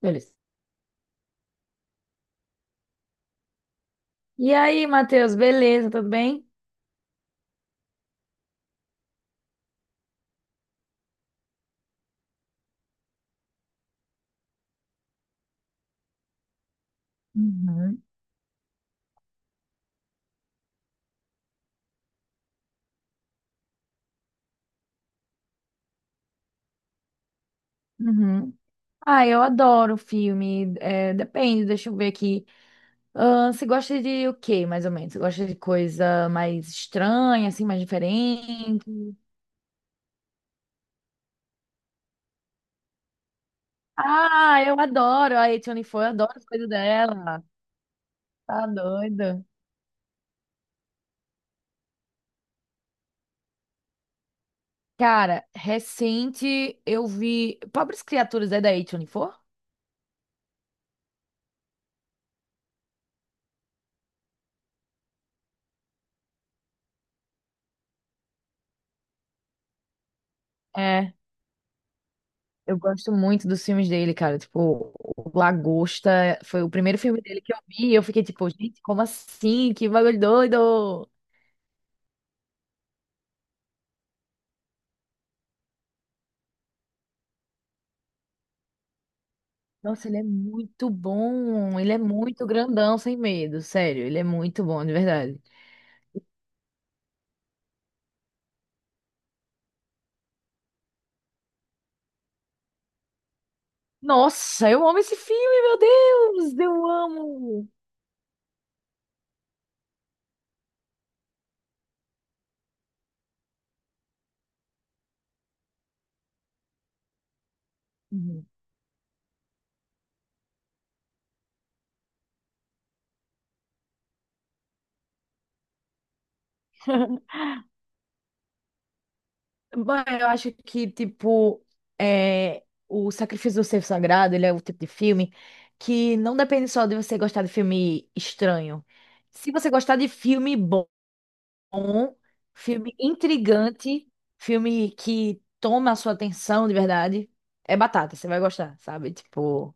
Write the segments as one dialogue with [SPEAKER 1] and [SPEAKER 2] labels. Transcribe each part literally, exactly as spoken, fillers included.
[SPEAKER 1] Beleza. E aí, Matheus, beleza? Tudo bem? Uhum, uhum. Ah, eu adoro filme. É, depende, deixa eu ver aqui. Ah, você gosta de o quê, mais ou menos? Você gosta de coisa mais estranha, assim, mais diferente? Ah, eu adoro. A A24, eu adoro as coisas dela. Tá doida. Cara, recente eu vi Pobres Criaturas é da A vinte e quatro? É. Eu gosto muito dos filmes dele, cara. Tipo, o Lagosta foi o primeiro filme dele que eu vi. E eu fiquei tipo, gente, como assim? Que bagulho doido! Nossa, ele é muito bom. Ele é muito grandão, sem medo. Sério, ele é muito bom, de verdade. Nossa, eu amo esse filme, meu Deus! Eu amo! Uhum. Bom, eu acho que, tipo, é, o Sacrifício do Cervo Sagrado, ele é o tipo de filme que não depende só de você gostar de filme estranho. Se você gostar de filme bom, filme intrigante, filme que toma a sua atenção de verdade, é batata, você vai gostar, sabe? Tipo,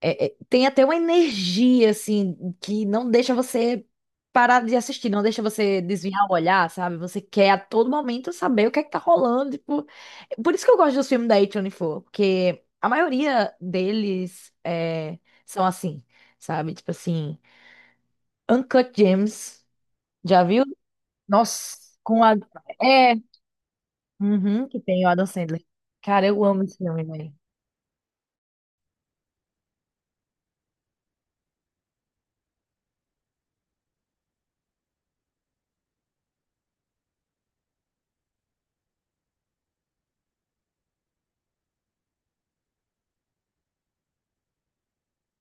[SPEAKER 1] é- é- tem até uma energia, assim, que não deixa você parar de assistir, não deixa você desviar o olhar, sabe? Você quer a todo momento saber o que é que tá rolando, tipo. é Por isso que eu gosto dos filmes da A vinte e quatro, porque a maioria deles é, são assim, sabe? Tipo assim, Uncut Gems, já viu? Nossa. com a... É, uhum, que tem o Adam Sandler. Cara, eu amo esse filme, velho.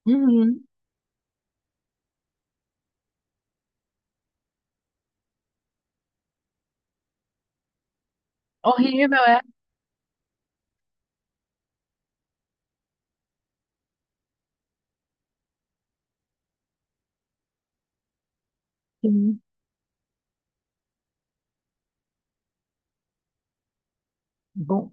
[SPEAKER 1] Uhum. Horrível, é? Sim. Bom,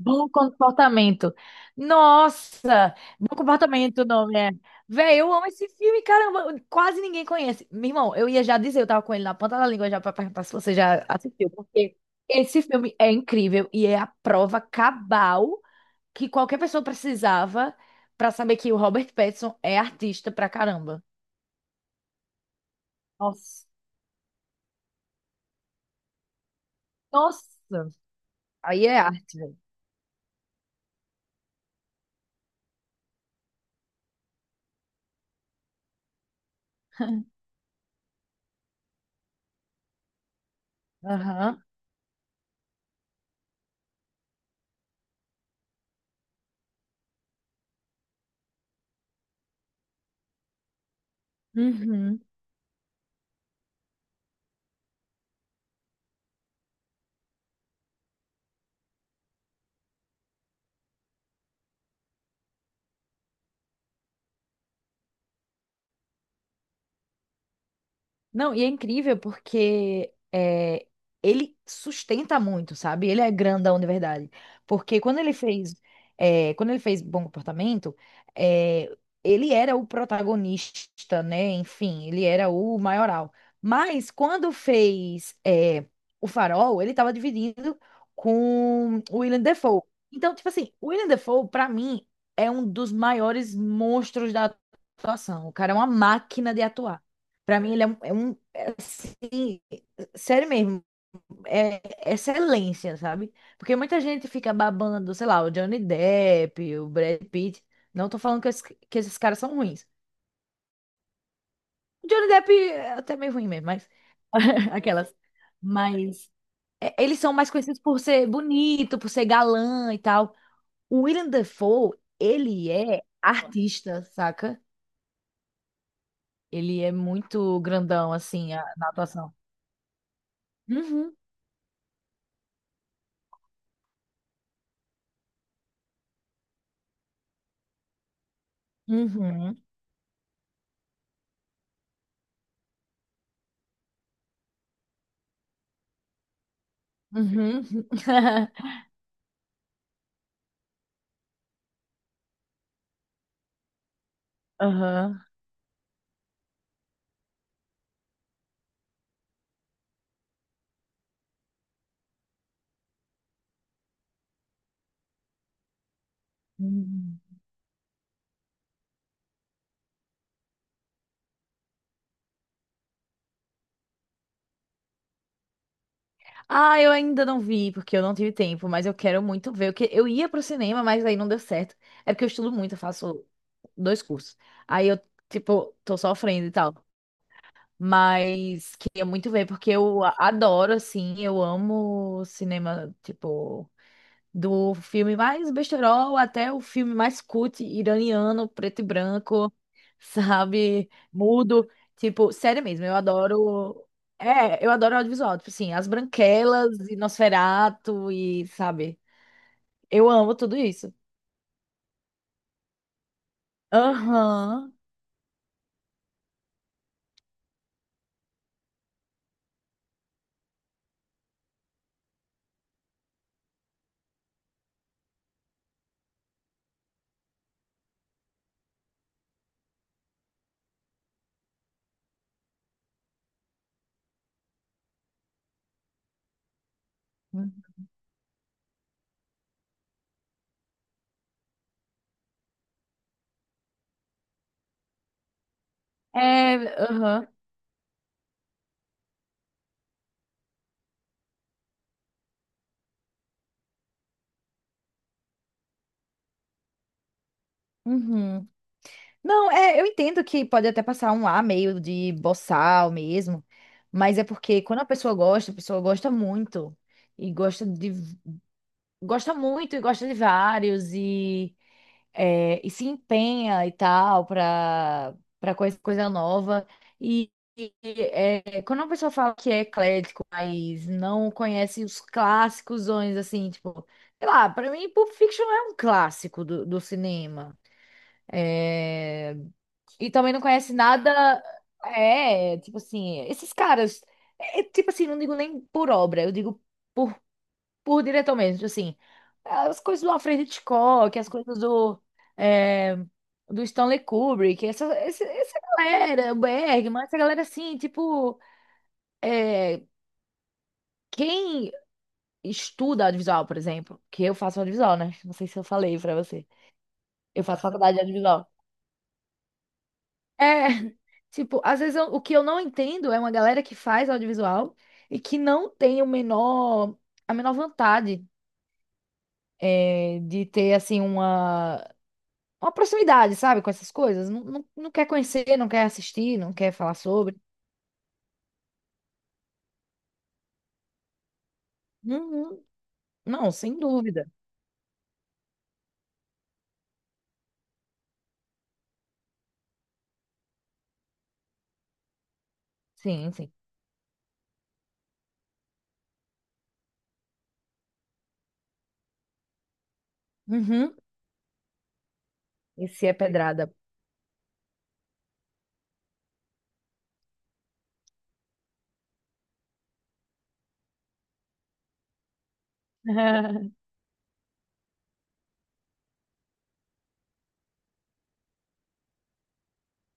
[SPEAKER 1] Bom comportamento. Nossa, bom comportamento, o nome é. Véi, eu amo esse filme, caramba, quase ninguém conhece. Meu irmão, eu ia já dizer, eu tava com ele na ponta da língua já pra perguntar se você já assistiu, porque esse filme é incrível e é a prova cabal que qualquer pessoa precisava pra saber que o Robert Pattinson é artista pra caramba. Nossa, nossa, aí é arte, velho. Aham. Uhum. Não, e é incrível porque é, ele sustenta muito, sabe? Ele é grandão de verdade. Porque quando ele fez, é, quando ele fez Bom Comportamento, é, ele era o protagonista, né? Enfim, ele era o maioral. Mas quando fez, é, O Farol, ele estava dividido com o Willem Dafoe. Então, tipo assim, o Willem Dafoe, pra mim, é um dos maiores monstros da atuação. O cara é uma máquina de atuar. Pra mim, ele é um, é um- é assim, sério mesmo, é excelência, sabe? Porque muita gente fica babando, sei lá, o Johnny Depp, o Brad Pitt. Não tô falando que, esses- que esses caras são ruins. O Johnny Depp é até meio ruim mesmo, mas. Aquelas. Mas. é, eles são mais conhecidos por ser bonito, por ser galã e tal. O Willem Dafoe, ele é artista, saca? Ele é muito grandão, assim, a- na atuação. Uhum. Uhum. Uhum. Aham. Hum. Ah, eu ainda não vi, porque eu não tive tempo, mas eu quero muito ver. Porque eu ia pro cinema, mas aí não deu certo. É porque eu estudo muito, eu faço dois cursos. Aí eu, tipo, tô sofrendo e tal. Mas queria muito ver, porque eu a- adoro, assim, eu amo cinema, tipo. Do filme mais besterol até o filme mais cult iraniano, preto e branco, sabe? Mudo. Tipo, sério mesmo, eu adoro. É, eu adoro audiovisual. Tipo assim, As Branquelas e Nosferatu e, sabe? Eu amo tudo isso. Aham. É, aham. Uhum. Não, é, eu entendo que pode até passar um ar meio de boçal mesmo, mas é porque quando a pessoa gosta, a pessoa gosta muito e gosta de gosta muito e gosta de vários e, é, e se empenha e tal para para coisa, coisa nova. E, e, é, quando uma pessoa fala que é eclético, mas não conhece os clássicos, assim, tipo, sei lá, para mim Pulp Fiction é um clássico do, do cinema. É, e também não conhece nada. É, tipo assim, esses caras, é, é, tipo assim, não digo nem por obra, eu digo. por por diretor mesmo, tipo assim, as coisas do Alfred Hitchcock, as coisas do, é, do Stanley Kubrick, essa, essa, essa galera, o Bergman, essa galera assim, tipo, é, quem estuda audiovisual, por exemplo, que eu faço audiovisual, né? Não sei se eu falei pra você, eu faço faculdade de audiovisual. É, tipo, às vezes eu- o que eu não entendo é uma galera que faz audiovisual e que não tem o menor, a menor vontade, é, de ter assim uma uma proximidade, sabe, com essas coisas. Não, não, não quer conhecer, não quer assistir, não quer falar sobre. Uhum. Não, sem dúvida. Sim, sim. Uhum. E se é pedrada?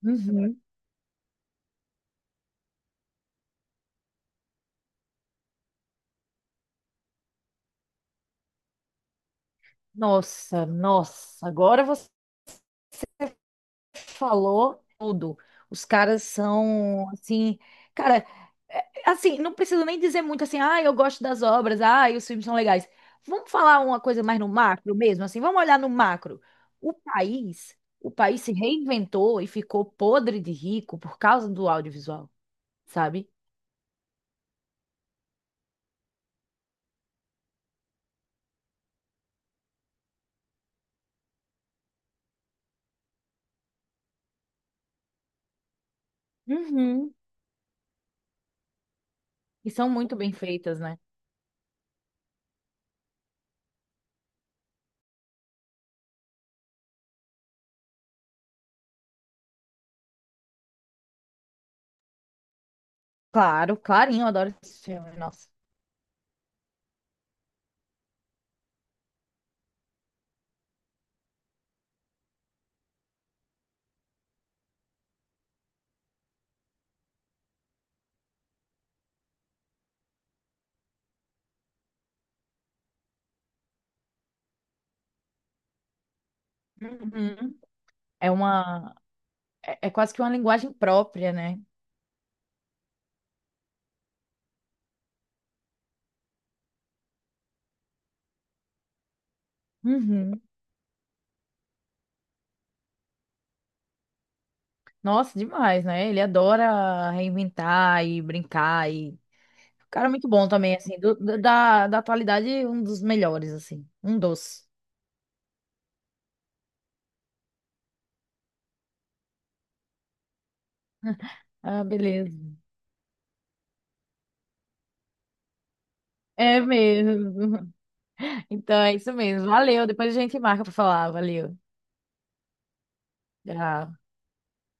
[SPEAKER 1] Uhum. Nossa, nossa. Agora falou tudo. Os caras são assim, cara, é- assim, não preciso nem dizer muito assim, ah, eu gosto das obras, ah, e os filmes são legais. Vamos falar uma coisa mais no macro mesmo, assim, vamos olhar no macro. O país, o país se reinventou e ficou podre de rico por causa do audiovisual, sabe? Uhum. E são muito bem feitas, né? Claro, clarinho, eu adoro esse filme, nossa. Uhum. É uma, é é quase que uma linguagem própria, né? Uhum. Nossa, demais, né? Ele adora reinventar e brincar e. O cara é muito bom também, assim, do- do- da, da atualidade, um dos melhores, assim, um dos. Ah, beleza. É mesmo. Então é isso mesmo. Valeu, depois a gente marca pra falar, valeu. Tchau.